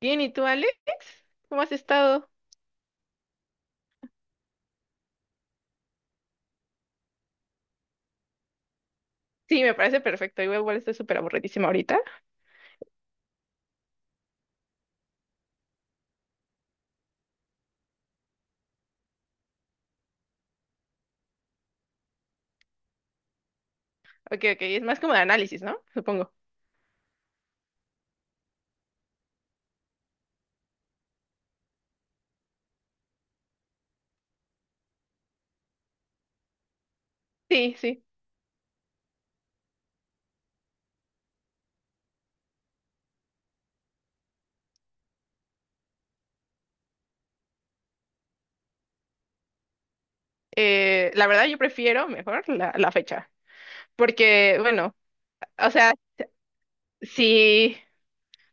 Bien, ¿y tú, Alex? ¿Cómo has estado? Sí, me parece perfecto. Igual, igual estoy súper aburridísima ahorita. Ok, ok, es más como de análisis, ¿no? Supongo. Sí, sí. La verdad, yo prefiero mejor la fecha, porque, bueno, o sea, si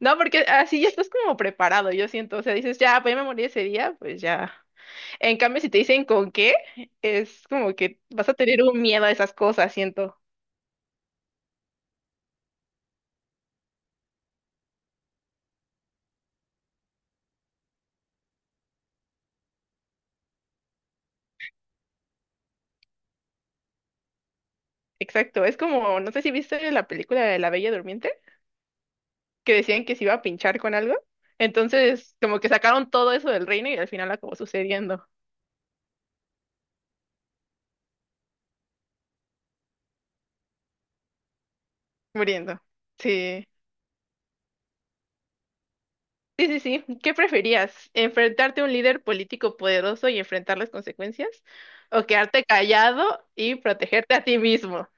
no, porque así ya estás como preparado, yo siento, o sea, dices, ya, pues ya me morí ese día, pues ya. En cambio, si te dicen con qué, es como que vas a tener un miedo a esas cosas, siento. Exacto, es como, no sé si viste la película de La Bella Durmiente, que decían que se iba a pinchar con algo, entonces como que sacaron todo eso del reino y al final acabó sucediendo, muriendo. Sí. Sí, sí, sí. ¿Qué preferías? ¿Enfrentarte a un líder político poderoso y enfrentar las consecuencias? ¿O quedarte callado y protegerte a ti mismo?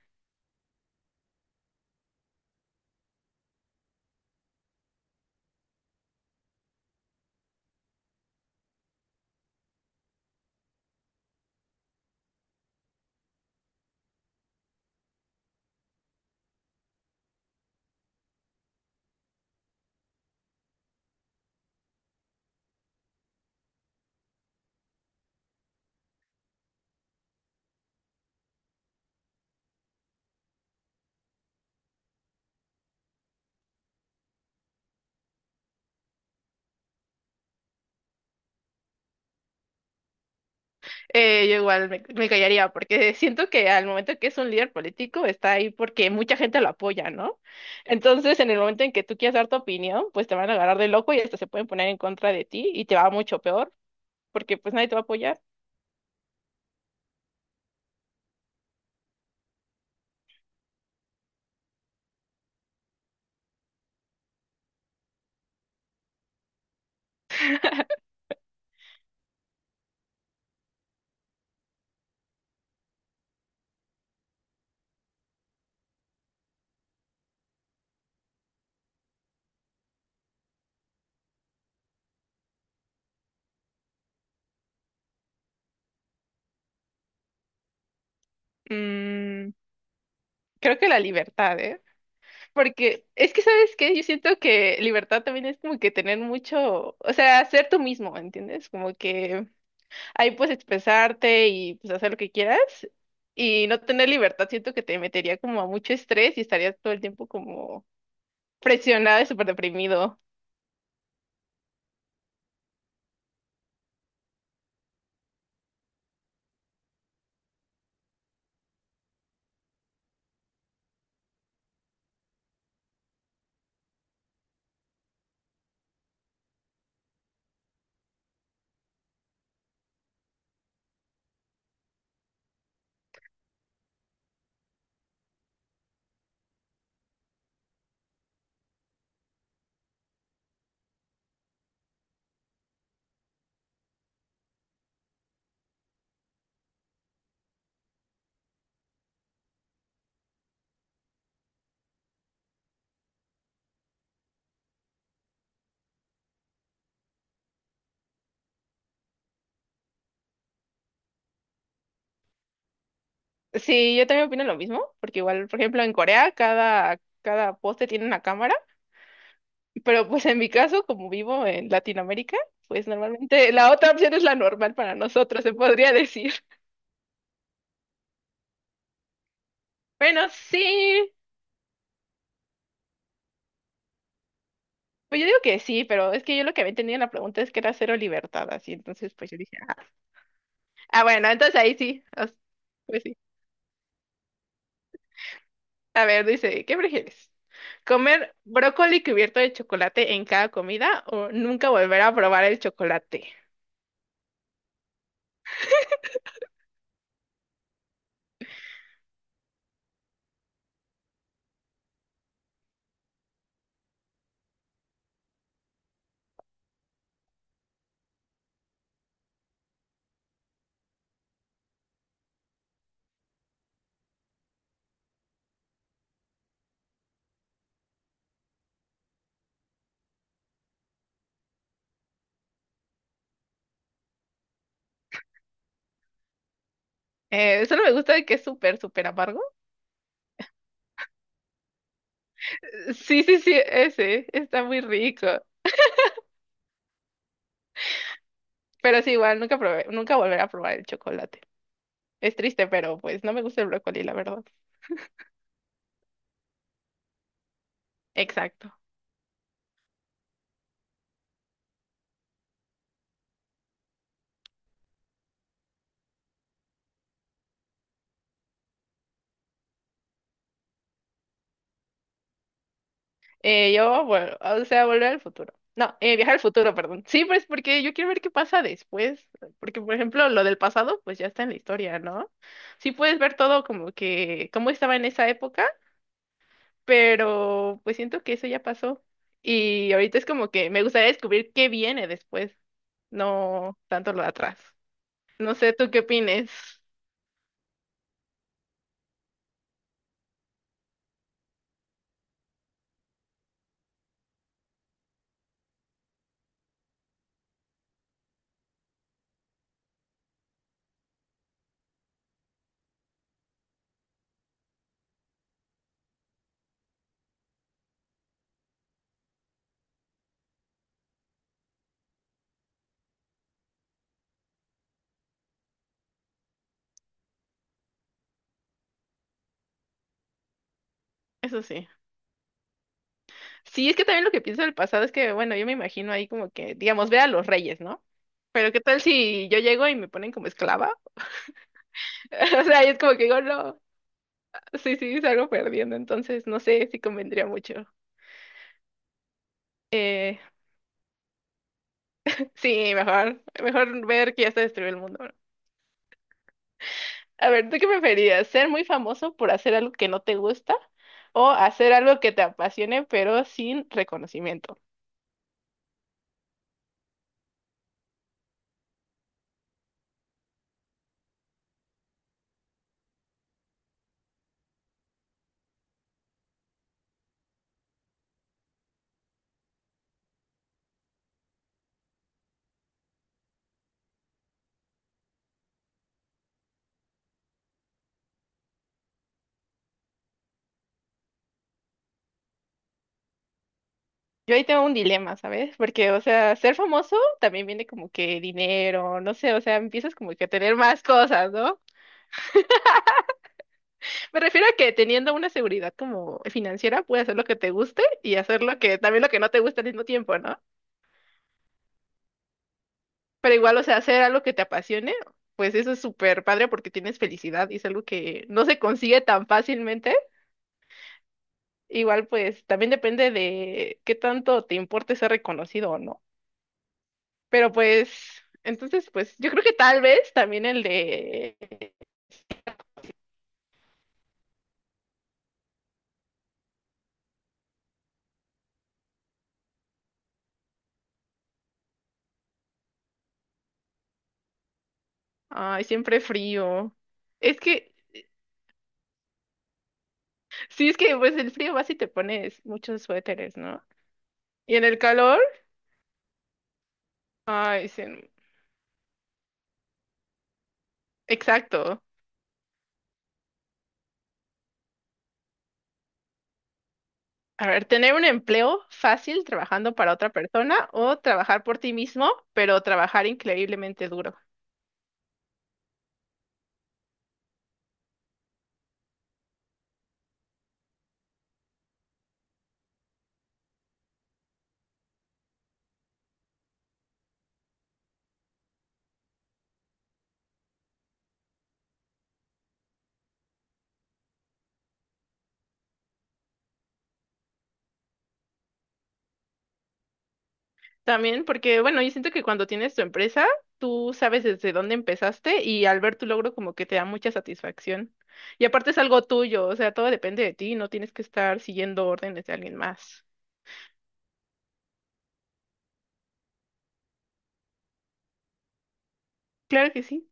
Yo igual me callaría porque siento que al momento que es un líder político está ahí porque mucha gente lo apoya, ¿no? Entonces, en el momento en que tú quieras dar tu opinión, pues te van a agarrar de loco y hasta se pueden poner en contra de ti y te va mucho peor porque pues nadie te va a apoyar. Mm, creo que la libertad, ¿eh? Porque es que, ¿sabes qué? Yo siento que libertad también es como que tener mucho, o sea, ser tú mismo, ¿entiendes? Como que ahí puedes expresarte y pues hacer lo que quieras. Y no tener libertad siento que te metería como a mucho estrés y estarías todo el tiempo como presionado y súper deprimido. Sí, yo también opino lo mismo, porque igual, por ejemplo, en Corea cada poste tiene una cámara, pero pues en mi caso, como vivo en Latinoamérica, pues normalmente la otra opción es la normal para nosotros, se podría decir. Bueno, sí, pues yo digo que sí, pero es que yo lo que había entendido en la pregunta es que era cero libertad, así, entonces pues yo dije, ah, ah, bueno, entonces ahí sí, as- pues sí. A ver, dice, ¿qué prefieres? ¿Comer brócoli cubierto de chocolate en cada comida o nunca volver a probar el chocolate? Solo me gusta de que es súper, súper amargo. Sí, sí, sí, ese, está muy rico, pero sí, igual, nunca probé, nunca volver a probar el chocolate. Es triste, pero pues no me gusta el brócoli, la verdad. Exacto. Yo, bueno, ah, o sea, volver al futuro. No, viajar al futuro, perdón. Sí, pues porque yo quiero ver qué pasa después. Porque, por ejemplo, lo del pasado, pues ya está en la historia, ¿no? Sí puedes ver todo como que, cómo estaba en esa época, pero pues siento que eso ya pasó. Y ahorita es como que me gustaría descubrir qué viene después, no tanto lo de atrás. No sé, ¿tú qué opines? Eso sí. Sí, es que también lo que pienso del pasado es que, bueno, yo me imagino ahí como que, digamos, ve a los reyes, ¿no? Pero ¿qué tal si yo llego y me ponen como esclava? O sea, es como que digo, no, sí, sí, salgo perdiendo, entonces no sé si convendría mucho. Eh, sí, mejor, mejor ver que ya se destruyó el mundo, ¿no? A ver, ¿tú qué preferías? ¿Ser muy famoso por hacer algo que no te gusta o hacer algo que te apasione pero sin reconocimiento? Yo ahí tengo un dilema, ¿sabes? Porque, o sea, ser famoso también viene como que dinero, no sé, o sea, empiezas como que a tener más cosas, ¿no? Me refiero a que teniendo una seguridad como financiera, puedes hacer lo que te guste y hacer lo que, también lo que no te gusta al mismo tiempo, ¿no? Pero igual, o sea, hacer algo que te apasione, pues eso es súper padre porque tienes felicidad y es algo que no se consigue tan fácilmente. Igual, pues, también depende de qué tanto te importe ser reconocido o no. Pero pues, entonces, pues yo creo que tal vez también el de. Ay, siempre frío. Es que, sí, es que pues el frío vas y te pones muchos suéteres, ¿no? Y en el calor, ay, sí, exacto. A ver, tener un empleo fácil trabajando para otra persona o trabajar por ti mismo, pero trabajar increíblemente duro. También porque, bueno, yo siento que cuando tienes tu empresa, tú sabes desde dónde empezaste y al ver tu logro como que te da mucha satisfacción. Y aparte es algo tuyo, o sea, todo depende de ti, no tienes que estar siguiendo órdenes de alguien más. Claro que sí.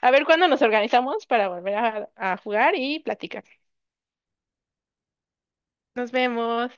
A ver cuándo nos organizamos para volver a jugar y platicar. Nos vemos.